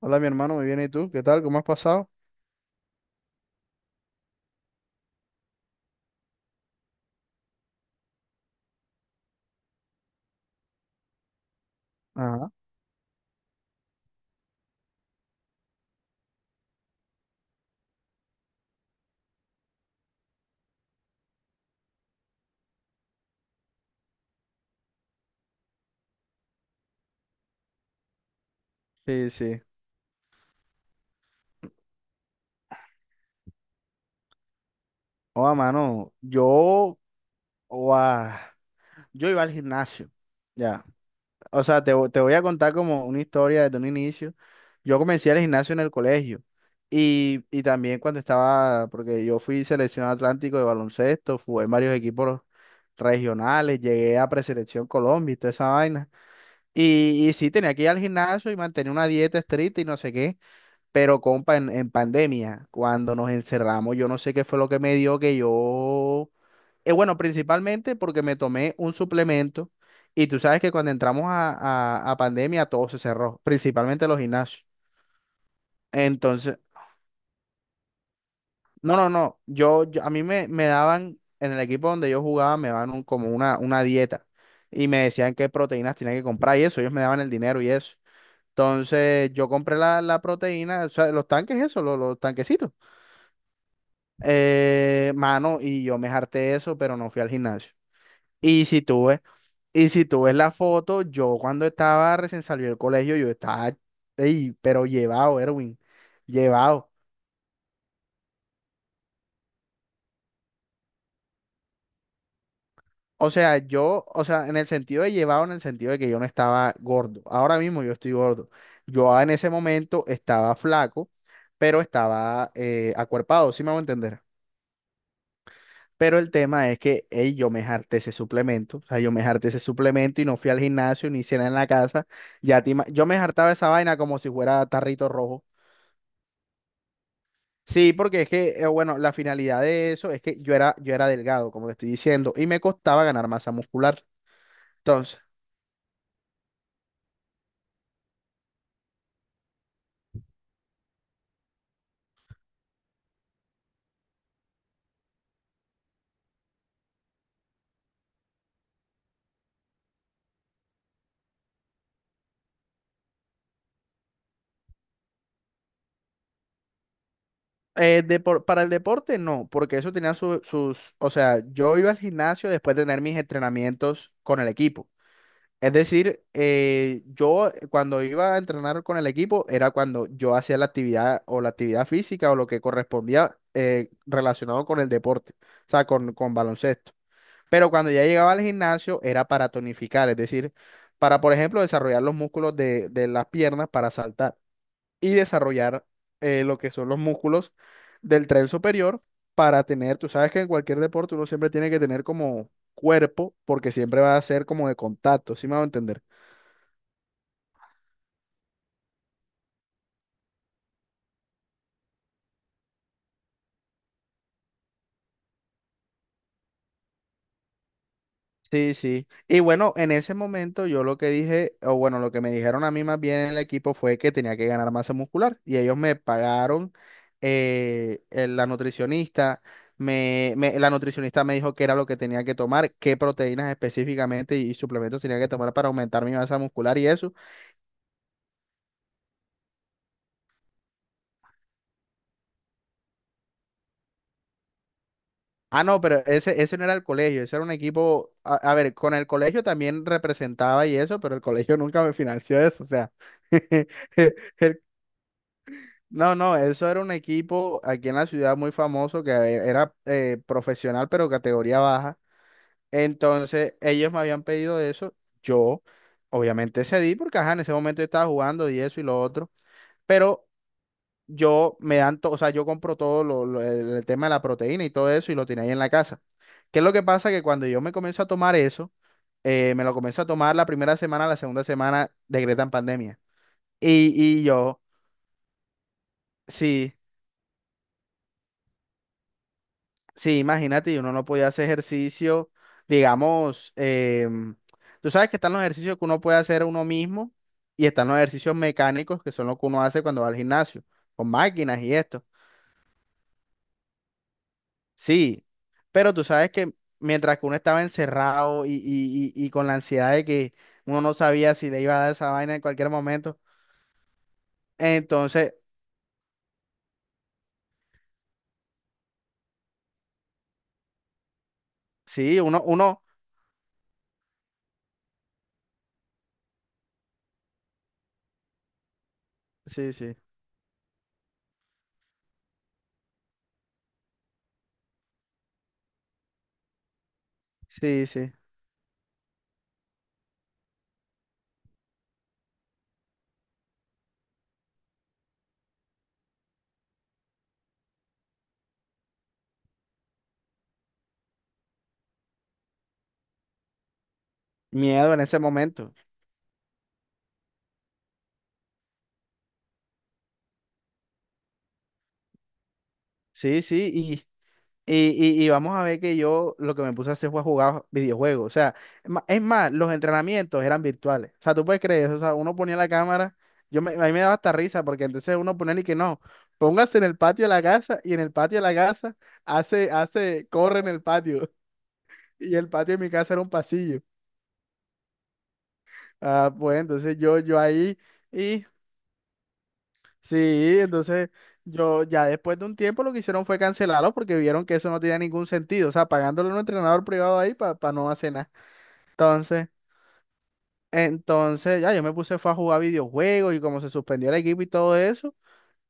Hola, mi hermano, muy bien. ¿Y tú? ¿Qué tal? ¿Cómo has pasado? Ajá. Sí, sí. Oa, mano, yo, oa, yo iba al gimnasio. Ya. O sea, te voy a contar como una historia desde un inicio. Yo comencé al gimnasio en el colegio. Y también cuando estaba, porque yo fui selección Atlántico de baloncesto, jugué en varios equipos regionales, llegué a preselección Colombia y toda esa vaina. Y sí, tenía que ir al gimnasio y mantener una dieta estricta y no sé qué. Pero, compa, en pandemia, cuando nos encerramos, yo no sé qué fue lo que me dio que yo... Bueno, principalmente porque me tomé un suplemento y tú sabes que cuando entramos a, a pandemia todo se cerró, principalmente los gimnasios. Entonces, no, no, no, yo- a mí me daban, en el equipo donde yo jugaba, me daban como una dieta y me decían qué proteínas tenía que comprar y eso, ellos me daban el dinero y eso. Entonces, yo compré la proteína, o sea, los tanques, eso, los tanquecitos. Mano, y yo me harté de eso, pero no fui al gimnasio. Y si tú ves, y si tú ves la foto, yo cuando estaba recién salido del colegio, yo estaba, ey, pero llevado, Erwin, llevado. O sea, yo, o sea, en el sentido de llevado, en el sentido de que yo no estaba gordo. Ahora mismo yo estoy gordo. Yo en ese momento estaba flaco, pero estaba acuerpado, ¿sí me hago entender? Pero el tema es que ey, yo me harté ese suplemento. O sea, yo me harté ese suplemento y no fui al gimnasio ni cena en la casa. Yo me hartaba esa vaina como si fuera tarrito rojo. Sí, porque es que, bueno, la finalidad de eso es que yo era delgado, como te estoy diciendo, y me costaba ganar masa muscular. Entonces, para el deporte no, porque eso tenía sus, o sea, yo iba al gimnasio después de tener mis entrenamientos con el equipo. Es decir, yo cuando iba a entrenar con el equipo era cuando yo hacía la actividad o la actividad física o lo que correspondía relacionado con el deporte, o sea, con baloncesto. Pero cuando ya llegaba al gimnasio era para tonificar, es decir, para, por ejemplo, desarrollar los músculos de las piernas para saltar y desarrollar lo que son los músculos del tren superior para tener, tú sabes que en cualquier deporte uno siempre tiene que tener como cuerpo porque siempre va a ser como de contacto, ¿sí me va a entender? Sí, sí. Y bueno, en ese momento yo lo que dije, o bueno, lo que me dijeron a mí más bien en el equipo fue que tenía que ganar masa muscular y ellos me pagaron, la nutricionista, la nutricionista me dijo qué era lo que tenía que tomar, qué proteínas específicamente y, suplementos tenía que tomar para aumentar mi masa muscular y eso. Ah, no, pero ese no era el colegio, ese era un equipo, a ver, con el colegio también representaba y eso, pero el colegio nunca me financió eso, o sea. No, no, eso era un equipo aquí en la ciudad muy famoso que era profesional pero categoría baja. Entonces ellos me habían pedido eso. Yo obviamente cedí porque ajá, en ese momento yo estaba jugando y eso y lo otro. Pero yo me dan, to- o sea, yo compro todo el tema de la proteína y todo eso y lo tenía ahí en la casa. ¿Qué es lo que pasa? Que cuando yo me comienzo a tomar eso, me lo comienzo a tomar la primera semana, la segunda semana decretan pandemia. Y yo, sí. Sí, imagínate, y uno no podía hacer ejercicio, digamos, tú sabes que están los ejercicios que uno puede hacer uno mismo y están los ejercicios mecánicos que son los que uno hace cuando va al gimnasio, con máquinas y esto. Sí, pero tú sabes que mientras que uno estaba encerrado y con la ansiedad de que uno no sabía si le iba a dar esa vaina en cualquier momento, entonces, sí, uno, sí, sí, sí, sí, miedo en ese momento. Sí, sí. Y, y vamos a ver que yo lo que me puse a hacer fue jugar videojuegos. O sea, es más, los entrenamientos eran virtuales. O sea, tú puedes creer eso. O sea, uno ponía la cámara. A mí me daba hasta risa porque entonces uno ponía y que no. Póngase en el patio de la casa y en el patio de la casa hace, corre en el patio. Y el patio de mi casa era un pasillo. Ah, pues entonces yo ahí y sí, entonces yo ya después de un tiempo lo que hicieron fue cancelarlo porque vieron que eso no tenía ningún sentido. O sea, pagándole a un entrenador privado ahí para no hacer nada. Entonces, entonces, ya yo me puse fue a jugar videojuegos y como se suspendió el equipo y todo eso,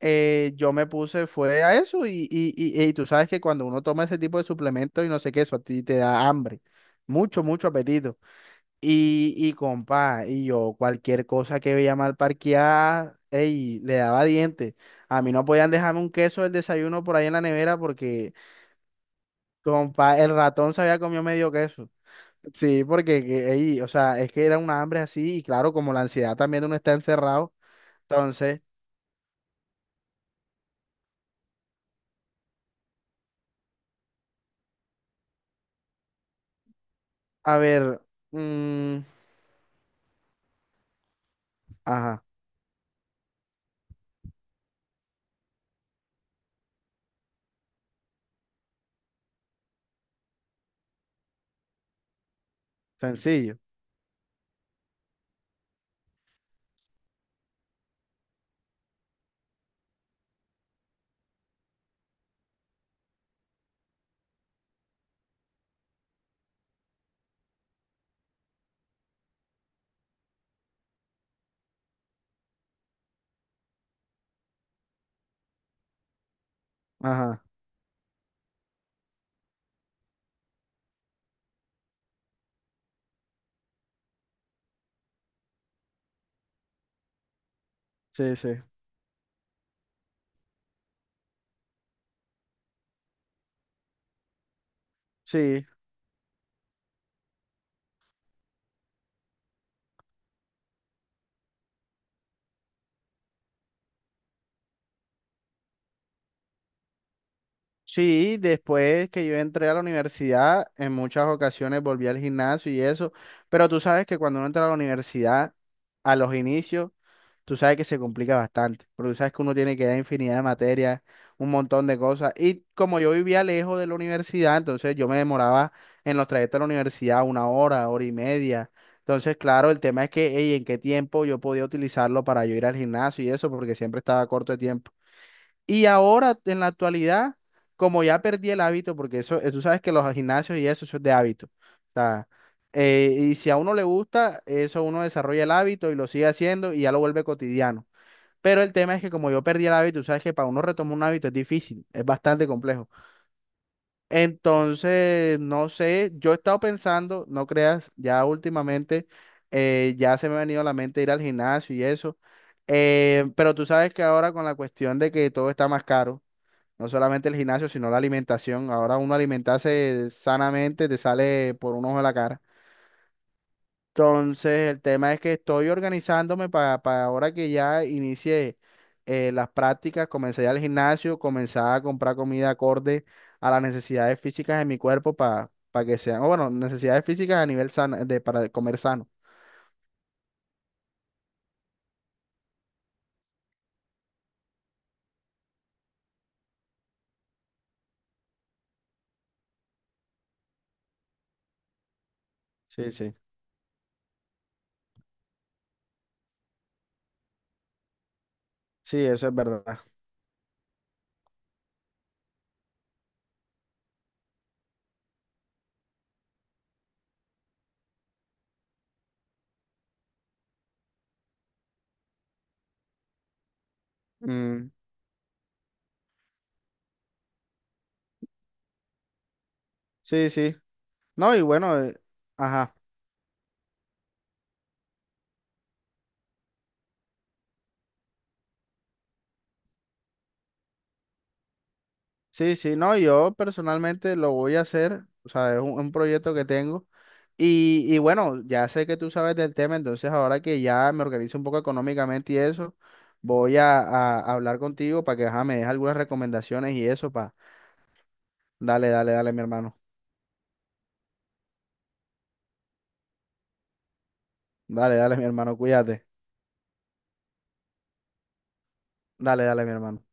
yo me puse fue a eso y tú sabes que cuando uno toma ese tipo de suplementos y no sé qué, eso a ti te da hambre, mucho, mucho apetito. Y compa, y yo cualquier cosa que veía mal parqueada, ey, le daba dientes. A mí no podían dejarme un queso del desayuno por ahí en la nevera porque, compa, el ratón se había comido medio queso. Sí, porque que ahí, o sea, es que era una hambre así y claro, como la ansiedad también de uno está encerrado, entonces, a ver, mm, ajá, sencillo, ajá, sí, sí, sí, sí, después que yo entré a la universidad, en muchas ocasiones volví al gimnasio y eso, pero tú sabes que cuando uno entra a la universidad, a los inicios, tú sabes que se complica bastante, porque tú sabes que uno tiene que dar infinidad de materias, un montón de cosas. Y como yo vivía lejos de la universidad, entonces yo me demoraba en los trayectos a la universidad una hora, hora y media. Entonces, claro, el tema es que, ey, en qué tiempo yo podía utilizarlo para yo ir al gimnasio y eso, porque siempre estaba corto de tiempo. Y ahora, en la actualidad, como ya perdí el hábito, porque eso, tú sabes que los gimnasios y eso es de hábito. O sea, y si a uno le gusta, eso uno desarrolla el hábito y lo sigue haciendo y ya lo vuelve cotidiano. Pero el tema es que como yo perdí el hábito, tú sabes que para uno retomar un hábito es difícil, es bastante complejo. Entonces, no sé, yo he estado pensando, no creas, ya últimamente ya se me ha venido a la mente ir al gimnasio y eso. Pero tú sabes que ahora con la cuestión de que todo está más caro, no solamente el gimnasio, sino la alimentación, ahora uno alimentarse sanamente te sale por un ojo de la cara. Entonces, el tema es que estoy organizándome para ahora que ya inicié las prácticas, comencé ya al gimnasio, comenzar a comprar comida acorde a las necesidades físicas de mi cuerpo para que sean, o bueno, necesidades físicas a nivel sano, de, para comer sano. Sí, sí, sí, eso es verdad. Mm, sí, sí. No, y bueno, ajá. Sí, sí, no, yo personalmente lo voy a hacer, o sea, es un proyecto que tengo. Y bueno, ya sé que tú sabes del tema, entonces ahora que ya me organizo un poco económicamente y eso, voy a hablar contigo para que ajá, me des algunas recomendaciones y eso, pa Dale, dale, dale, mi hermano. Dale, dale, mi hermano, cuídate. Dale, dale, mi hermano.